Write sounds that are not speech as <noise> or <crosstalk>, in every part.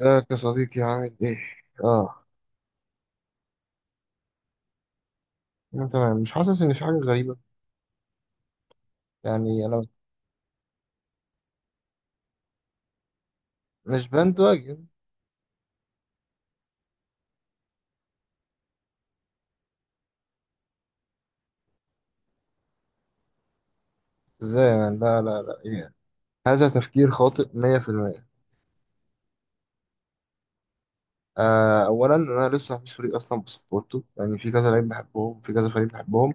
ازيك يا صديقي؟ عامل ايه؟ اه، انا تمام، مش حاسس ان في حاجة غريبة. يعني انا مش بندواجن. ازاي يعني؟ لا إيه. هذا تفكير خاطئ 100%. آه، اولا انا لسه مفيش فريق اصلا بسبورته. يعني في كذا لعيب بحبهم، في كذا فريق بحبهم.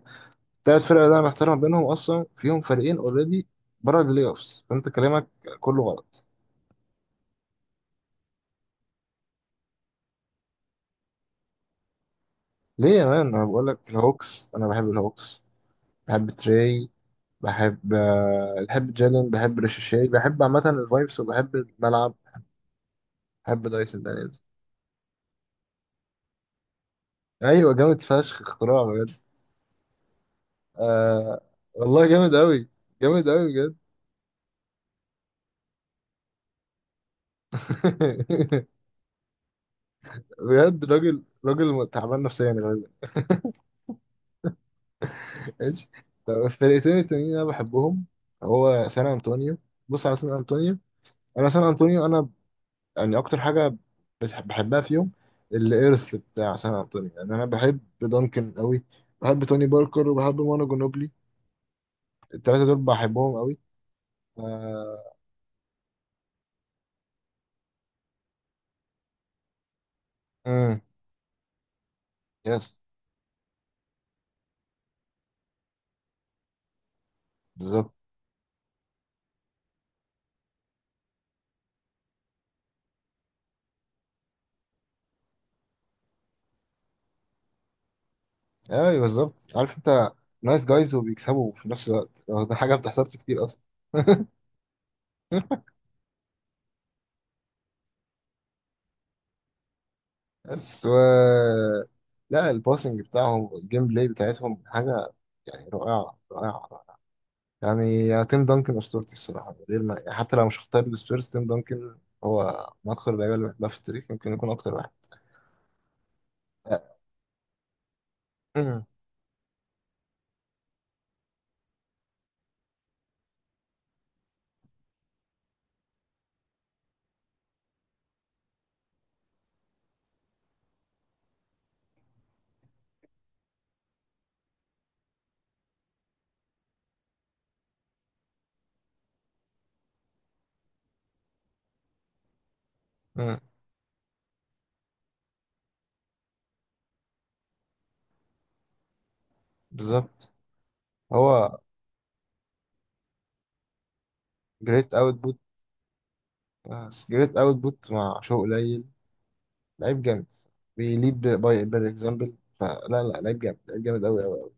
تلات فرق اللي انا محتار ما بينهم، اصلا فيهم فريقين اوريدي بره البلاي اوفس، فانت كلامك كله غلط. ليه يا مان؟ انا بقول لك الهوكس، انا بحب الهوكس. بحب تري، بحب آه، بحب جالن، بحب ريشيشي، بحب عامة الفايبس وبحب الملعب. بحب دايسون دانيلز. أيوة، جامد فشخ، اختراع بجد. آه، والله جامد أوي، جامد أوي بجد. <laughs> بجد راجل تعبان نفسيا غالبا. ماشي. طب الفرقتين التانيين اللي أنا بحبهم، هو سان أنطونيو. بص على سان أنطونيو. أنا يعني اكتر حاجه بحبها فيهم، الارث بتاع سان انطونيو. يعني انا بحب دانكن قوي، بحب توني باركر وبحب مانو جنوبلي. الثلاثه دول بحبهم قوي. امم، يس، بالظبط. ايوه بالظبط، عارف انت، نايس جايز وبيكسبوا في نفس الوقت، هو ده حاجه ما بتحصلش كتير اصلا. <laughs> بس و... لا الباسنج بتاعهم، الجيم بلاي بتاعتهم حاجه يعني رائعه. يعني يا تيم دانكن اسطورتي الصراحه، من غير ما يعني، حتى لو مش هختار السبيرز، تيم دانكن هو من اكثر اللعيبه اللي بحبها في التاريخ، يمكن يكون اكتر واحد. آه، أمم، أمم، بالظبط. هو جريت اوتبوت، جريت اوتبوت مع شو قليل. لعيب جامد. بيليد باي باي اكزامبل. فلا لا، لعيب جامد، لعيب جامد قوي قوي.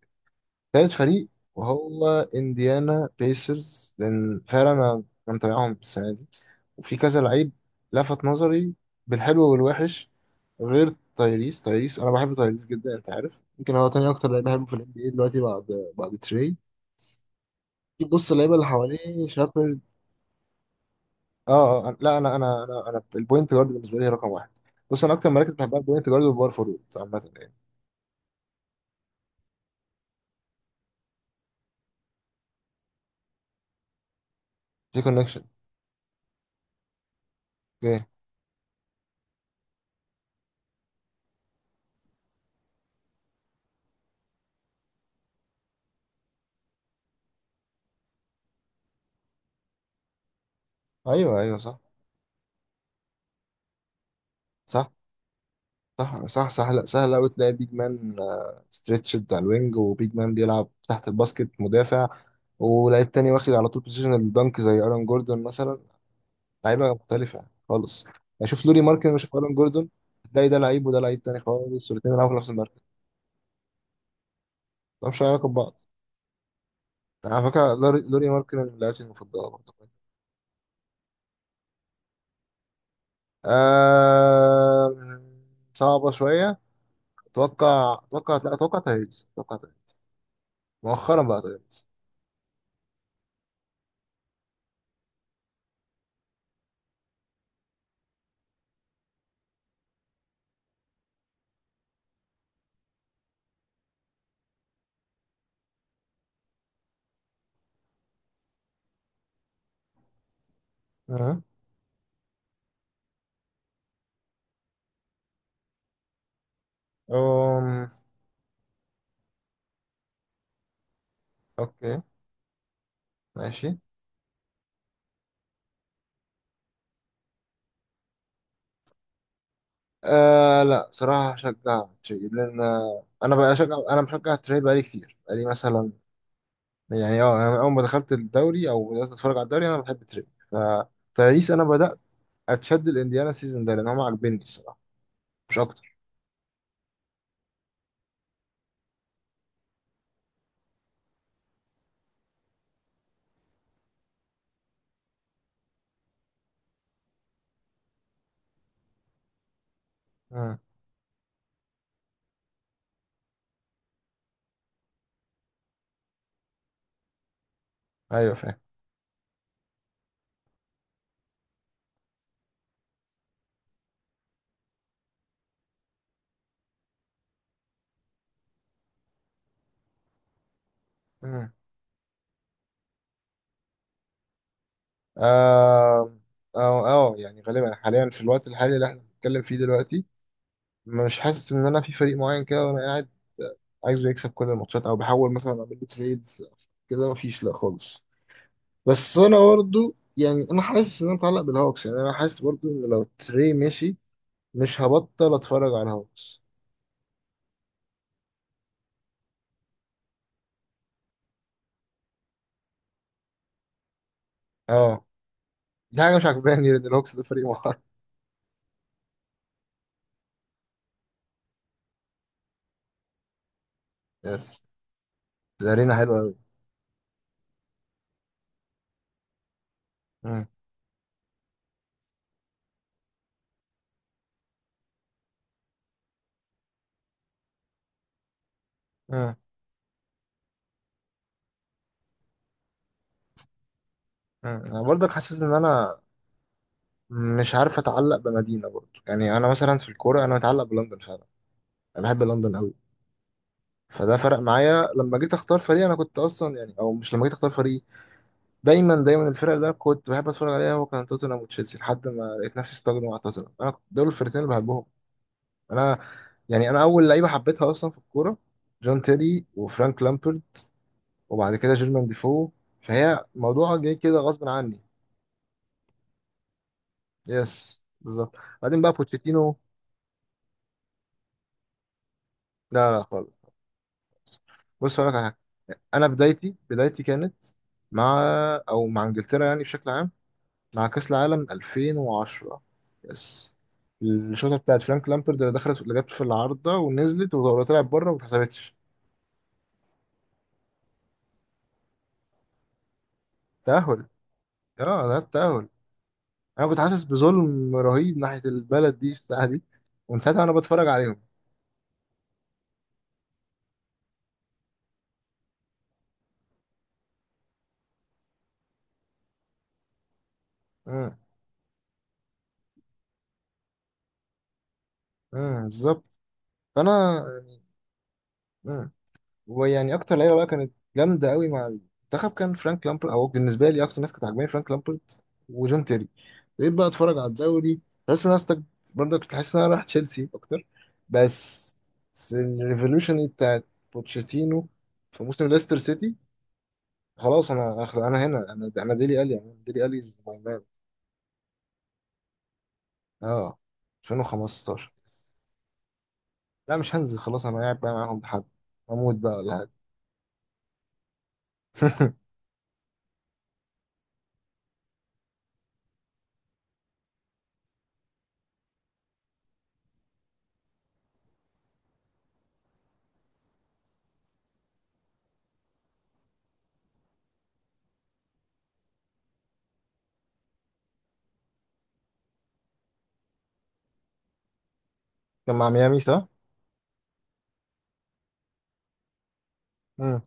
تالت فريق، وهو انديانا بيسرز، لان فعلا أنا متابعهم السنه دي، وفي كذا لعيب لفت نظري، بالحلو والوحش. غير تايريس، تايريس انا بحب تايريس جدا. انت عارف يمكن هو تاني اكتر لعيب بحبه في الان بي اي دلوقتي، بعد بعد تري. في بص اللعيبه اللي حواليه شابرد. اه اه لا انا البوينت جارد بالنسبه لي رقم واحد. بص انا اكتر مراكز بحبها البوينت جارد والباور فورورد عامه يعني، في كونكشن. اوكي. ايوه ايوه صح، صح صح صح. سهل سهل أوي تلاقي بيج مان ستريتشد على الوينج، وبيج مان بيلعب تحت الباسكت مدافع، ولاعيب تاني واخد على طول بوزيشن الدنك زي ايرون جوردون مثلا. لعيبة مختلفة خالص. أشوف لوري ماركن وأشوف ايرون جوردون، تلاقي ده لعيب وده لعيب تاني خالص، والاتنين بيلعبوا في نفس المركز، ملهمش أي علاقة ببعض. على فكرة لوري ماركن من لعيبتي المفضلة برضه. آه... صعبة شوية. أتوقع أتوقع لا أتوقع تايريس أتوقع تايريس مؤخرا، بقى تايريس. أه. أم... اوكي، ماشي. آه لا، صراحة هشجع تري، لأن آه، أنا بقى أشجع أنا بشجع التري بقالي كتير، بقالي مثلا، يعني أه أنا من أول ما دخلت الدوري أو بدأت أتفرج على الدوري أنا بحب التري. فتاريس أنا بدأت أتشد الإنديانا السيزون ده لأن هم عاجبني الصراحة، مش أكتر. مم. أيوه فاهم. مم. آه، أه أه، يعني غالبا حاليا في الوقت الحالي اللي إحنا بنتكلم فيه دلوقتي، مش حاسس إن أنا في فريق معين كده وأنا قاعد عايزه يكسب كل الماتشات، أو بحاول مثلا أعمل له تريد كده. مفيش لا خالص. بس انا برضو يعني انا حاسس ان انا متعلق بالهوكس. يعني انا حاسس برضو ان لو تري مشي مش هبطل اتفرج على الهوكس. اه. دي حاجه مش عجباني لان الهوكس ده فريق محترم. يس. الارينا حلوه قوي. مم. مم. مم. انا برضك حاسس ان انا مش عارف اتعلق بمدينه برضو. يعني انا مثلا في الكوره انا متعلق بلندن فعلا، انا بحب لندن قوي. فده فرق معايا لما جيت اختار فريق. انا كنت اصلا يعني، او مش لما جيت اختار فريق، دايما الفرق اللي انا كنت بحب اتفرج عليها هو كان توتنهام وتشيلسي، لحد ما لقيت نفسي استجنوا على توتنهام. انا دول الفرقتين اللي بحبهم. انا، يعني انا اول لعيبه حبيتها اصلا في الكوره جون تيري وفرانك لامبرد، وبعد كده جيرمان ديفو. فهي موضوع جاي كده غصب عني. يس بالظبط. بعدين بقى بوتشيتينو. لا لا خالص. بص اقول لك على حاجه. انا بدايتي كانت مع، او مع انجلترا يعني بشكل عام، مع كأس العالم 2010. يس. الشوطة بتاعت فرانك لامبرد اللي دخلت، اللي جت في العارضة ونزلت وطلعت بره وما اتحسبتش. تأهل. اه ده التأهل. انا كنت حاسس بظلم رهيب ناحية البلد دي في الساعة دي، ومن ساعتها انا بتفرج عليهم. امم، امم، بالظبط. فانا، مم، ويعني اكتر لعيبه بقى كانت جامده قوي مع المنتخب كان فرانك لامبرت، او بالنسبه لي اكتر ناس كانت عاجباني فرانك لامبرت وجون تيري. بقيت بقى اتفرج على الدوري. بس انا أستك... برضه كنت حاسس ان انا رايح تشيلسي اكتر، بس بس الريفولوشن بتاعت بوتشيتينو في موسم ليستر سيتي، خلاص انا أخ- انا هنا انا انا ديلي الي انا ديلي الي از ماي مان. اه، 2015. لا مش هنزل خلاص، انا قاعد بقى معاهم لحد اموت بقى ولا حاجه. <laughs> كان مع ميامي صح؟ مم.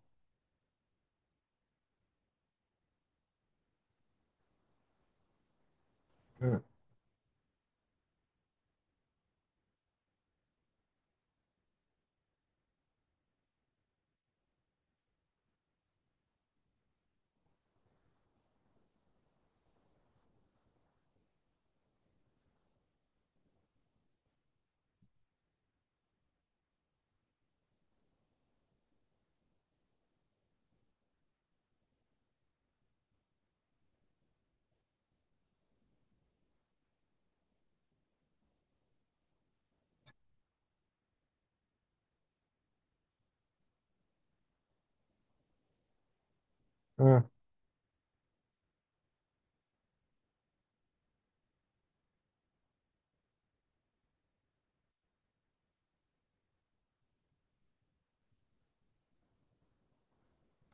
مم.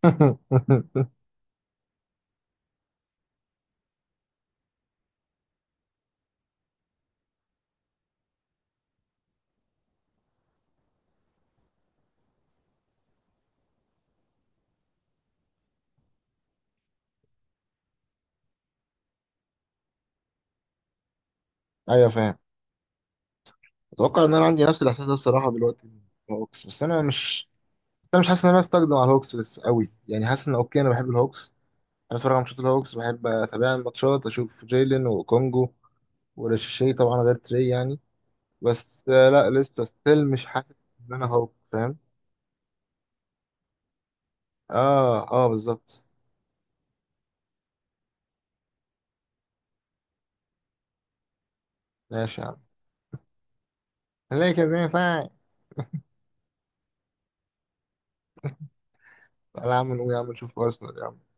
<laughs> ايوه فاهم. اتوقع ان انا عندي نفس الاحساس ده الصراحه دلوقتي مع الهوكس، بس انا مش، انا مش حاسس ان انا استخدم على الهوكس بس قوي. يعني حاسس ان اوكي انا بحب الهوكس، انا بتفرج على ماتشات الهوكس، بحب اتابع الماتشات، اشوف جيلين وكونجو وريشي طبعا غير تري يعني. بس آه، لا لسه ستيل مش حاسس ان انا هوك، فاهم. اه اه بالظبط. ماشي يا عم، هنلاقي كذا ينفع. تعالى يا عم، نقول يا عم نشوف ارسنال يا عم.